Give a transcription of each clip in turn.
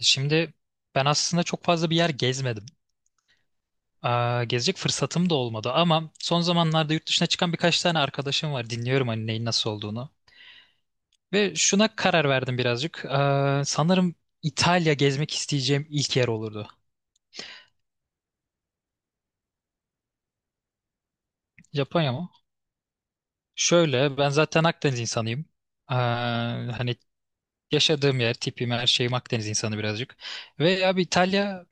Şimdi ben aslında çok fazla bir yer gezmedim. Gezecek fırsatım da olmadı ama son zamanlarda yurt dışına çıkan birkaç tane arkadaşım var. Dinliyorum hani neyin nasıl olduğunu. Ve şuna karar verdim birazcık. Sanırım İtalya gezmek isteyeceğim ilk yer olurdu. Japonya mı? Şöyle ben zaten Akdeniz insanıyım. Hani yaşadığım yer, tipim, her şeyim Akdeniz insanı birazcık. Ve abi İtalya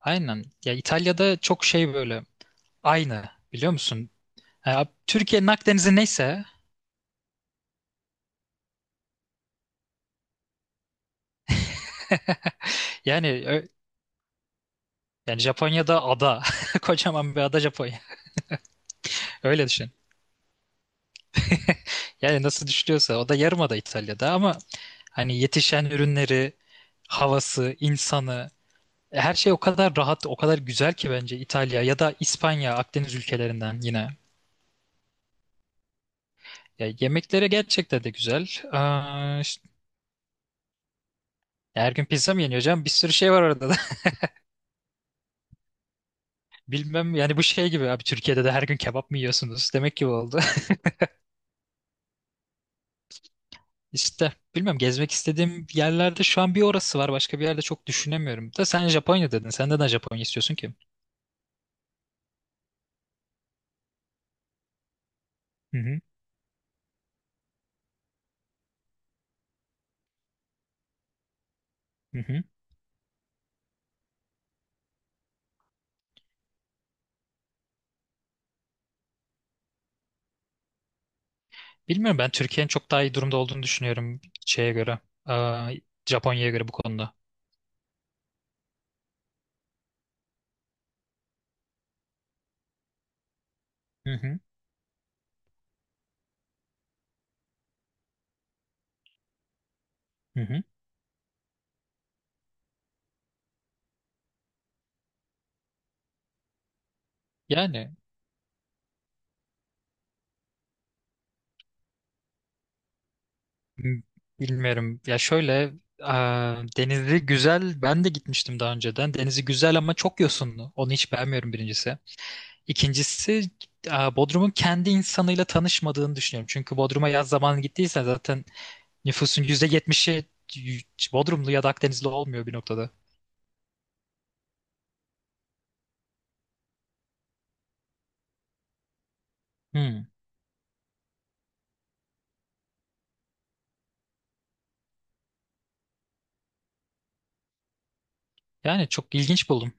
aynen. Ya İtalya'da çok şey böyle aynı biliyor musun? Ya, Türkiye'nin Akdeniz'i neyse. Yani ö- Yani Japonya'da ada. Kocaman bir ada Japonya. Öyle düşün. Yani nasıl düşünüyorsa o da yarımada İtalya'da ama hani yetişen ürünleri, havası, insanı, her şey o kadar rahat, o kadar güzel ki bence İtalya ya da İspanya, Akdeniz ülkelerinden yine. Ya yemekleri gerçekten de güzel. İşte her gün pizza mı yeniyor canım? Bir sürü şey var orada da. Bilmem yani bu şey gibi abi, Türkiye'de de her gün kebap mı yiyorsunuz? Demek ki bu oldu. İşte bilmiyorum, gezmek istediğim yerlerde şu an bir orası var. Başka bir yerde çok düşünemiyorum. Da sen Japonya dedin. Sen neden Japonya istiyorsun ki? Hı hı. Hı hı. Bilmiyorum, ben Türkiye'nin çok daha iyi durumda olduğunu düşünüyorum şeye göre. Aa, Japonya'ya göre bu konuda. Hı hı. Hı hı. Yani m- Bilmiyorum. Ya şöyle, denizi güzel. Ben de gitmiştim daha önceden. Denizi güzel ama çok yosunlu. Onu hiç beğenmiyorum birincisi. İkincisi, Bodrum'un kendi insanıyla tanışmadığını düşünüyorum. Çünkü Bodrum'a yaz zamanı gittiysen zaten nüfusun %70'i Bodrumlu ya da Akdenizli olmuyor bir noktada. Hmm. Yani çok ilginç buldum.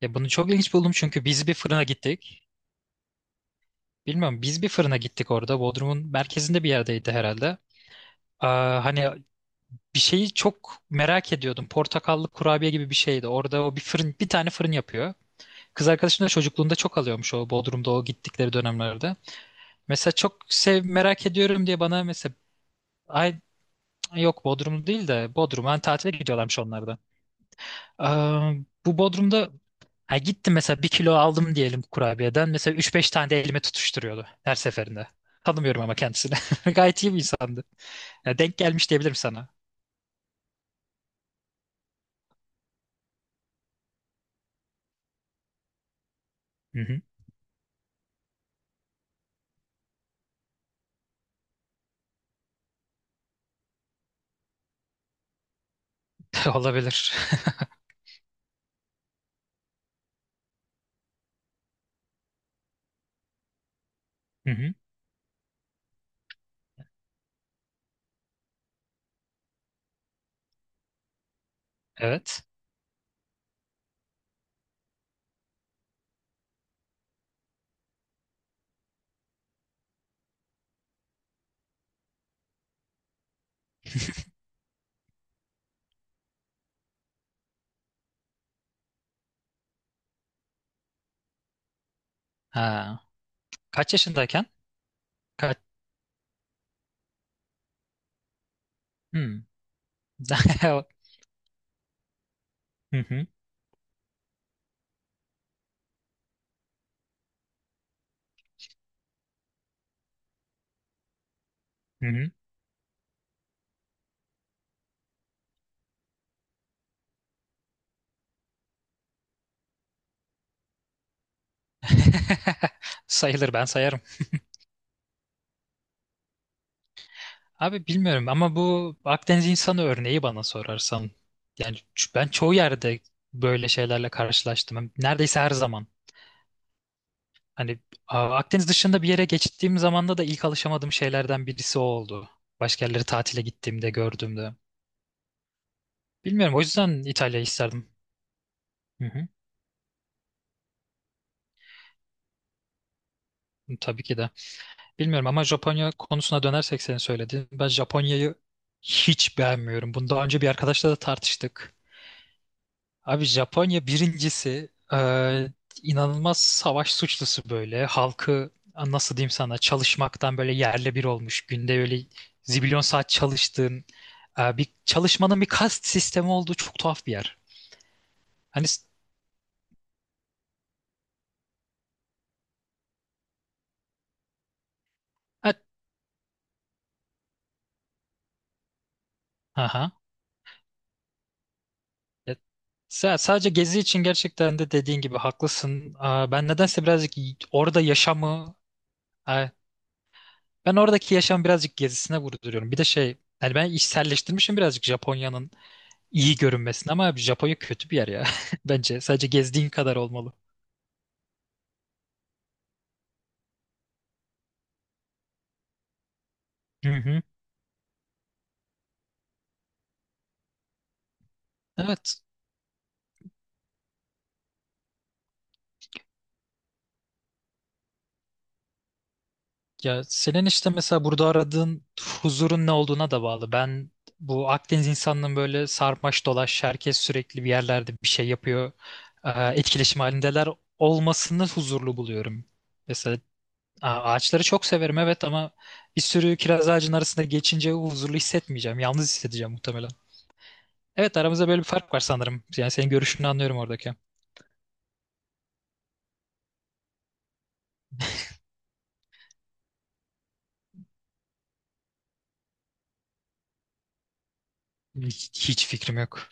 Ya bunu çok ilginç buldum çünkü biz bir fırına gittik. Bilmiyorum, biz bir fırına gittik orada. Bodrum'un merkezinde bir yerdeydi herhalde. Hani bir şeyi çok merak ediyordum. Portakallı kurabiye gibi bir şeydi. Orada o bir fırın, bir tane fırın yapıyor. Kız arkadaşım da çocukluğunda çok alıyormuş o Bodrum'da o gittikleri dönemlerde. Mesela merak ediyorum diye bana mesela, ay yok, Bodrum değil de Bodrum'a tatile gidiyorlarmış onlar da. Aa, Bu Bodrum'da, ha, gittim mesela bir kilo aldım diyelim kurabiyeden. Mesela üç beş tane de elime tutuşturuyordu her seferinde. Tanımıyorum ama kendisini. Gayet iyi bir insandı. Ya, denk gelmiş diyebilirim sana. Hı hı. Olabilir. Hı hı. Evet. Ha. Kaç yaşındayken? Kaç? Hmm. Hı hı. Hı hı. Sayılır, ben sayarım. Abi bilmiyorum ama bu Akdeniz insanı örneği bana sorarsan. Ben çoğu yerde böyle şeylerle karşılaştım. Neredeyse her zaman. Hani Akdeniz dışında bir yere geçtiğim zamanda da ilk alışamadığım şeylerden birisi o oldu. Başka yerlere tatile gittiğimde, gördüğümde. Bilmiyorum, o yüzden İtalya'yı isterdim. Hı hı. Tabii ki de. Bilmiyorum ama Japonya konusuna dönersek senin söylediğin. Ben Japonya'yı hiç beğenmiyorum. Bunu daha önce bir arkadaşla da tartıştık. Abi Japonya birincisi inanılmaz savaş suçlusu böyle. Halkı, nasıl diyeyim sana, çalışmaktan böyle yerle bir olmuş. Günde öyle zibilyon saat çalıştığın, bir çalışmanın bir kast sistemi olduğu çok tuhaf bir yer. Hani s- ha, aha. E, sadece gezi için gerçekten de dediğin gibi haklısın. Ben nedense birazcık orada yaşamı, e, ben oradaki yaşamı birazcık gezisine vurduruyorum. Bir de şey, yani ben içselleştirmişim birazcık Japonya'nın iyi görünmesin, ama abi Japonya kötü bir yer ya. Bence sadece gezdiğin kadar olmalı. Hı hı. Evet. Ya senin işte mesela burada aradığın huzurun ne olduğuna da bağlı. Ben bu Akdeniz insanının böyle sarmaş dolaş herkes sürekli bir yerlerde bir şey yapıyor, e, etkileşim halindeler olmasını huzurlu buluyorum. Mesela ağaçları çok severim evet, ama bir sürü kiraz ağacının arasında geçince huzurlu hissetmeyeceğim. Yalnız hissedeceğim muhtemelen. Evet aramızda böyle bir fark var sanırım. Yani senin görüşünü anlıyorum oradaki. Hiç fikrim yok.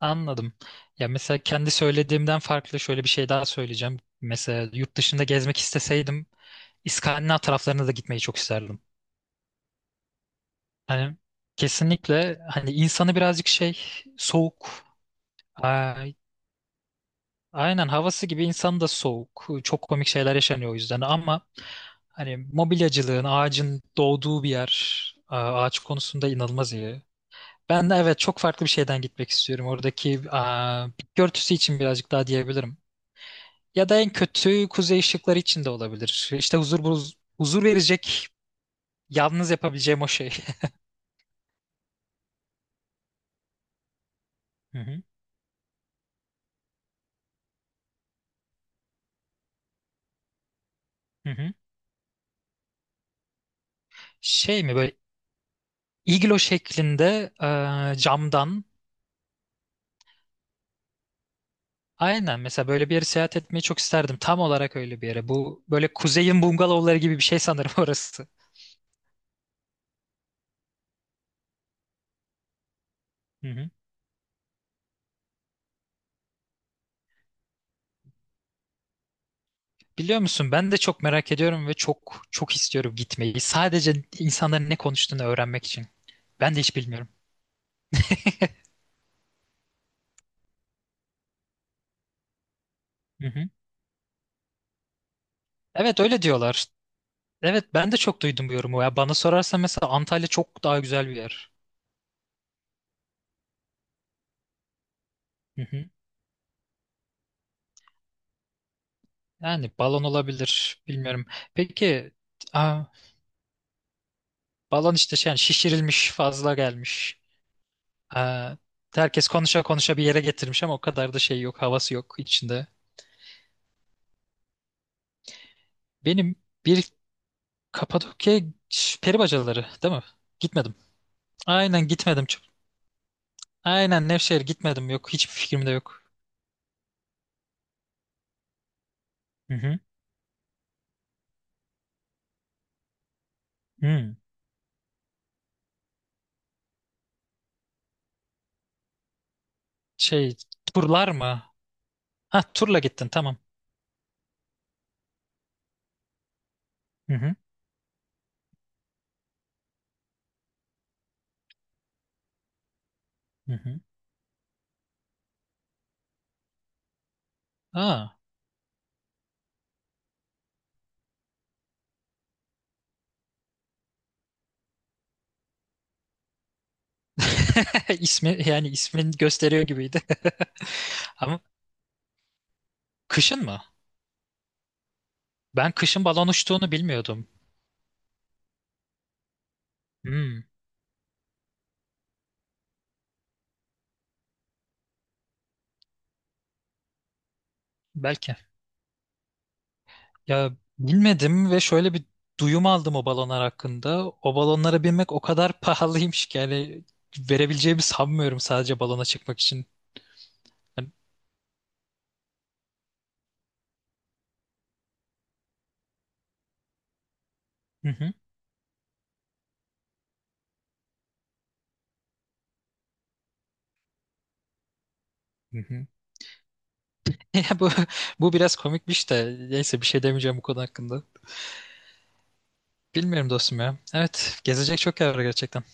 Anladım. Ya mesela kendi söylediğimden farklı şöyle bir şey daha söyleyeceğim. Mesela yurt dışında gezmek isteseydim İskandinav taraflarına da gitmeyi çok isterdim. Hani kesinlikle hani insanı birazcık şey, soğuk. Ay- Aynen havası gibi insan da soğuk. Çok komik şeyler yaşanıyor o yüzden, ama hani mobilyacılığın, ağacın doğduğu bir yer, ağaç konusunda inanılmaz iyi. Ben de evet çok farklı bir şeyden gitmek istiyorum. Oradaki bitki örtüsü için birazcık daha diyebilirim. Ya da en kötü kuzey ışıkları için de olabilir. İşte huzur huzur verecek yalnız yapabileceğim o şey. Hı hı. Hı hı. Şey mi böyle, iglo şeklinde, camdan. Aynen mesela böyle bir yere seyahat etmeyi çok isterdim. Tam olarak öyle bir yere. Bu böyle kuzeyin bungalovları gibi bir şey sanırım orası. Hı hı. Biliyor musun, ben de çok merak ediyorum ve çok çok istiyorum gitmeyi. Sadece insanların ne konuştuğunu öğrenmek için. Ben de hiç bilmiyorum. Hı hı. Evet öyle diyorlar. Evet ben de çok duydum bu yorumu. Ya bana sorarsan mesela Antalya çok daha güzel bir yer. Hı hı. Yani balon olabilir. Bilmiyorum. Peki, aa, balon işte şey, yani şişirilmiş, fazla gelmiş. Aa, Herkes konuşa konuşa bir yere getirmiş ama o kadar da şey yok. Havası yok içinde. Benim bir Kapadokya peri bacaları değil mi? Gitmedim. Aynen gitmedim. Çok- Aynen Nevşehir gitmedim. Yok hiçbir fikrim de yok. Hı hı. Hı. Şey, turlar mı? Ha, turla gittin tamam. Hı hı. Hı hı. Aa. İsmi yani ismin gösteriyor gibiydi. Ama kışın mı? Ben kışın balon uçtuğunu bilmiyordum. Hmm, belki. Ya bilmedim ve şöyle bir duyum aldım o balonlar hakkında. O balonlara binmek o kadar pahalıymış ki yani verebileceğimi sanmıyorum sadece balona çıkmak için. Yani- Hı hı. Hı hı. Ya bu biraz komikmiş de neyse bir şey demeyeceğim bu konu hakkında. Bilmiyorum dostum ya. Evet gezecek çok yer var gerçekten.